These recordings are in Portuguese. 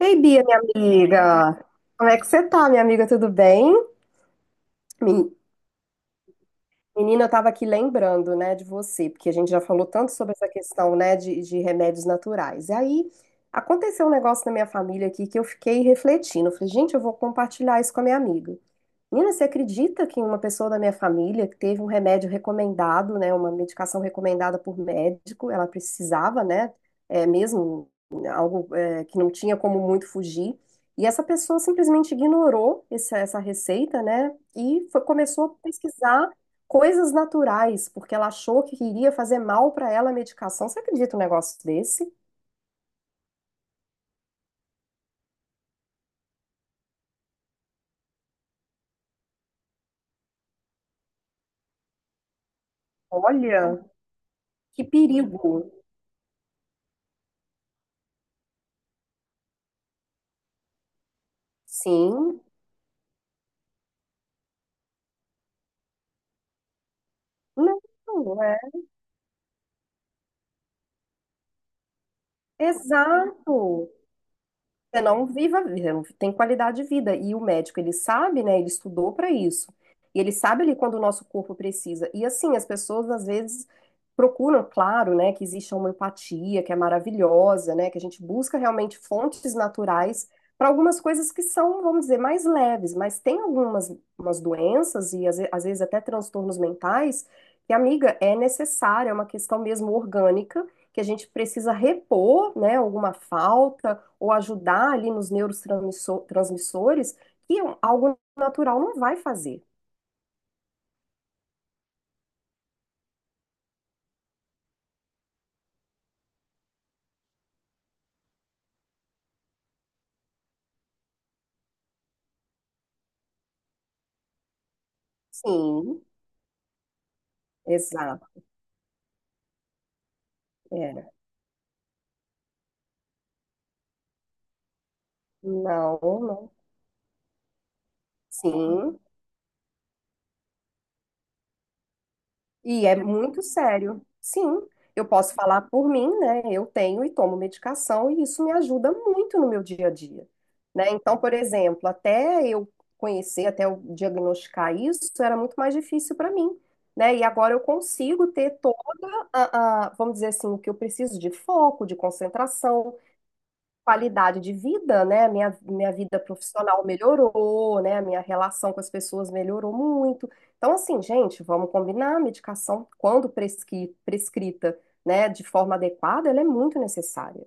Ei, Bia, minha amiga. Como é que você tá, minha amiga? Tudo bem? Men- Menina, eu tava aqui lembrando, né, de você, porque a gente já falou tanto sobre essa questão, né, de remédios naturais. E aí aconteceu um negócio na minha família aqui que eu fiquei refletindo. Eu falei, gente, eu vou compartilhar isso com a minha amiga. Nina, você acredita que uma pessoa da minha família que teve um remédio recomendado, né, uma medicação recomendada por médico, ela precisava, né, é, mesmo né, algo é, que não tinha como muito fugir, e essa pessoa simplesmente ignorou essa receita, né, e começou a pesquisar coisas naturais, porque ela achou que iria fazer mal para ela a medicação. Você acredita um negócio desse? Olha, que perigo. Sim. Não, é. Exato. Você não viva, a vida, não tem qualidade de vida. E o médico, ele sabe, né? Ele estudou para isso. E ele sabe ali quando o nosso corpo precisa. E assim, as pessoas às vezes procuram, claro, né, que existe a homeopatia, que é maravilhosa, né, que a gente busca realmente fontes naturais para algumas coisas que são, vamos dizer, mais leves, mas tem algumas umas doenças e às vezes até transtornos mentais que, amiga, é necessária, é uma questão mesmo orgânica, que a gente precisa repor, né, alguma falta, ou ajudar ali nos neurotransmissores, que é um, algo natural não vai fazer. Sim, exato. É. Não, não. Sim. E é muito sério. Sim, eu posso falar por mim, né? Eu tenho e tomo medicação e isso me ajuda muito no meu dia a dia, né? Então, por exemplo, até eu conhecer, até eu diagnosticar isso, era muito mais difícil para mim, né? E agora eu consigo ter toda vamos dizer assim, o que eu preciso de foco, de concentração, qualidade de vida, né? Minha vida profissional melhorou, né? Minha relação com as pessoas melhorou muito. Então, assim, gente, vamos combinar, a medicação, quando prescrita, né, de forma adequada, ela é muito necessária.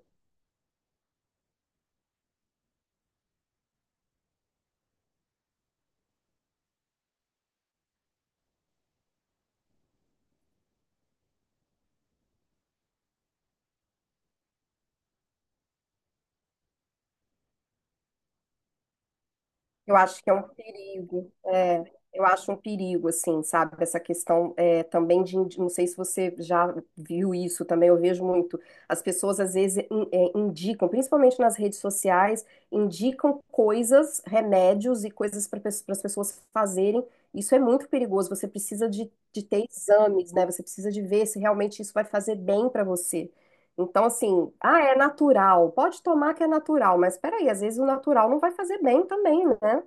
Eu acho que é um perigo, é, eu acho um perigo, assim, sabe? Essa questão é, também de, não sei se você já viu isso também, eu vejo muito. As pessoas às vezes indicam, principalmente nas redes sociais, indicam coisas, remédios e coisas para as pessoas fazerem. Isso é muito perigoso. Você precisa de ter exames, né? Você precisa de ver se realmente isso vai fazer bem para você. Então, assim, ah, é natural. Pode tomar que é natural, mas peraí, às vezes o natural não vai fazer bem também, né?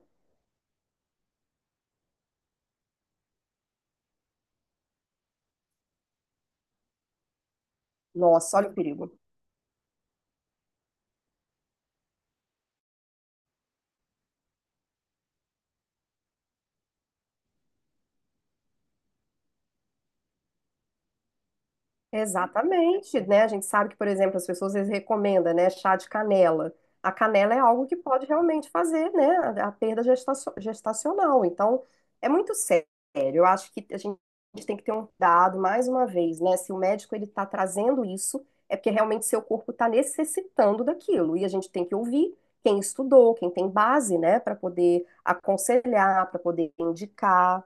Nossa, olha o perigo. Exatamente, né? A gente sabe que, por exemplo, as pessoas eles recomendam, né, chá de canela. A canela é algo que pode realmente fazer, né, a perda gestacional. Então, é muito sério. Eu acho que a gente tem que ter um cuidado, mais uma vez, né? Se o médico ele está trazendo isso, é porque realmente seu corpo está necessitando daquilo. E a gente tem que ouvir quem estudou, quem tem base, né, para poder aconselhar, para poder indicar.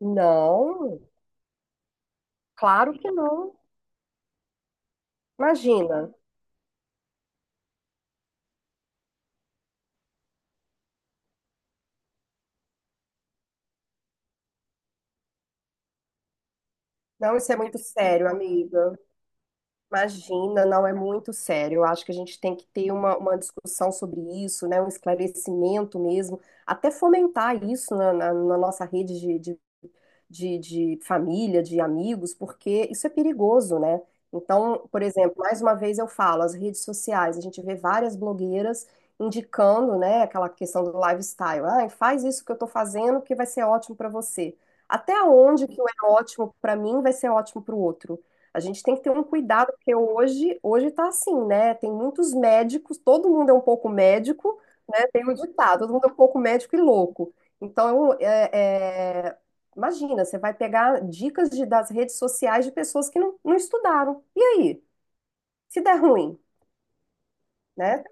Não, claro que não. Imagina. Não, isso é muito sério, amiga. Imagina, não é muito sério. Eu acho que a gente tem que ter uma discussão sobre isso, né? Um esclarecimento mesmo, até fomentar isso na nossa rede de família, de amigos, porque isso é perigoso, né? Então, por exemplo, mais uma vez eu falo, as redes sociais, a gente vê várias blogueiras indicando, né, aquela questão do lifestyle. Ah, faz isso que eu tô fazendo que vai ser ótimo para você. Até onde que é ótimo para mim vai ser ótimo para o outro? A gente tem que ter um cuidado, porque hoje tá assim, né? Tem muitos médicos, todo mundo é um pouco médico, né? Tem o ditado, todo mundo é um pouco médico e louco. Então, é, é, imagina, você vai pegar dicas das redes sociais de pessoas que não, não estudaram. E aí? Se der ruim, né?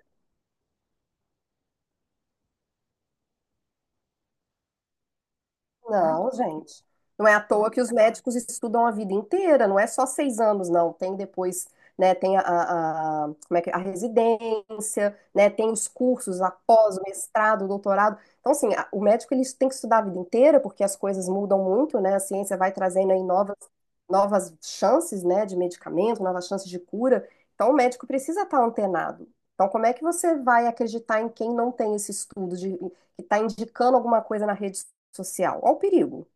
Não, gente. Não é à toa que os médicos estudam a vida inteira, não é só 6 anos, não. Tem depois, né? Tem a, como é que, é? A residência, né? Tem os cursos após o mestrado, o doutorado. Então, assim, a- o médico ele tem que estudar a vida inteira, porque as coisas mudam muito, né? A ciência vai trazendo aí novas, novas chances, né? De medicamento, novas chances de cura. Então, o médico precisa estar antenado. Então, como é que você vai acreditar em quem não tem esse estudo, de, que está indicando alguma coisa na rede social, ao perigo.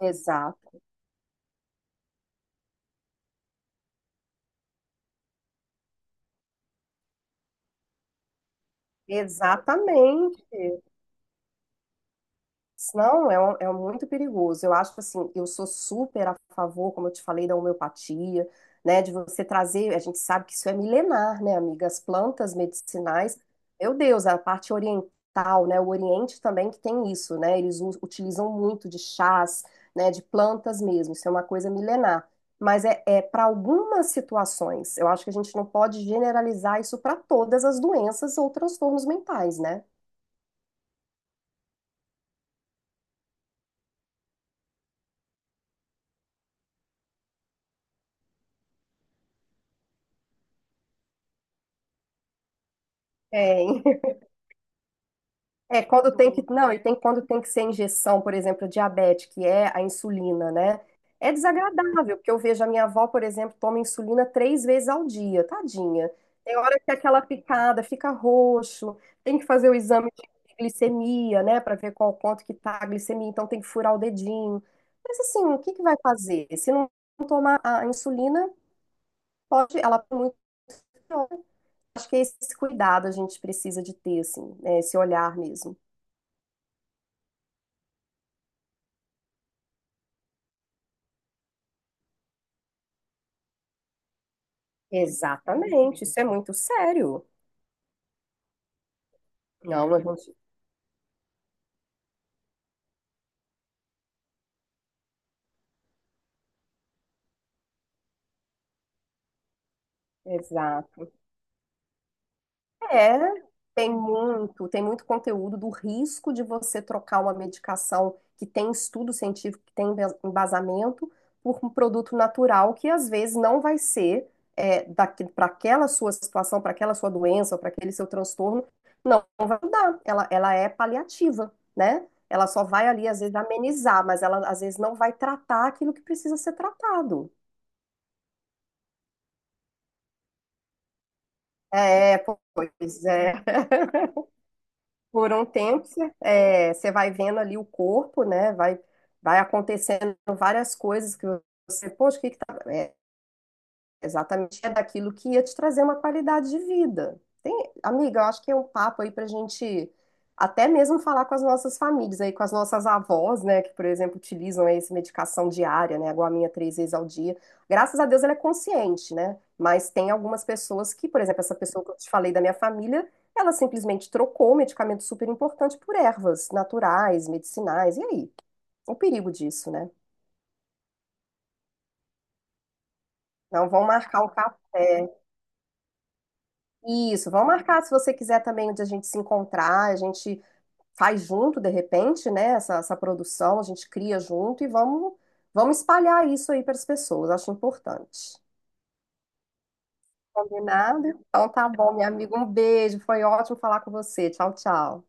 Exato, exatamente. Não, é, um- é muito perigoso. Eu acho que assim, eu sou super a favor, como eu te falei, da homeopatia, né? De você trazer, a gente sabe que isso é milenar, né, amiga? As plantas medicinais, meu Deus, a parte oriental, né? O Oriente também que tem isso, né? Eles utilizam muito de chás, né? De plantas mesmo. Isso é uma coisa milenar. Mas é, é para algumas situações. Eu acho que a gente não pode generalizar isso para todas as doenças ou transtornos mentais, né? Tem. É, quando tem que, não, e tem quando tem que ser injeção, por exemplo, diabetes, que é a insulina, né? É desagradável, porque eu vejo a minha avó, por exemplo, toma insulina 3 vezes ao dia, tadinha. Tem hora que é aquela picada fica roxo, tem que fazer o exame de glicemia, né, para ver qual quanto que tá a glicemia, então tem que furar o dedinho. Mas assim, o que que vai fazer? Se não tomar a insulina, pode, ela é muito pior. Acho que é esse cuidado a gente precisa de ter, assim, né, esse olhar mesmo. Exatamente, isso é muito sério. Não, a É. gente. Exato. É, tem muito conteúdo do risco de você trocar uma medicação que tem estudo científico, que tem embasamento, por um produto natural que às vezes não vai ser é, para aquela sua situação, para aquela sua doença, para aquele seu transtorno, não vai ajudar. Ela é paliativa, né? Ela só vai ali, às vezes, amenizar, mas ela às vezes não vai tratar aquilo que precisa ser tratado. É, pois é. Por um tempo, você é, você vai vendo ali o corpo, né? Vai, vai acontecendo várias coisas que você, poxa, o que exatamente, é daquilo que ia te trazer uma qualidade de vida. Tem, amiga, eu acho que é um papo aí pra gente até mesmo falar com as nossas famílias aí, com as nossas avós, né, que, por exemplo, utilizam aí essa medicação diária, né, a guaminha 3 vezes ao dia. Graças a Deus ela é consciente, né? Mas tem algumas pessoas que, por exemplo, essa pessoa que eu te falei da minha família, ela simplesmente trocou o medicamento super importante por ervas naturais, medicinais. E aí? O perigo disso, né? Não vão marcar o café. Isso, vamos marcar se você quiser também de a gente se encontrar, a gente faz junto de repente, né? Essa produção, a gente cria junto e vamos espalhar isso aí para as pessoas, acho importante. Combinado? Então tá bom, minha amiga, um beijo, foi ótimo falar com você. Tchau, tchau.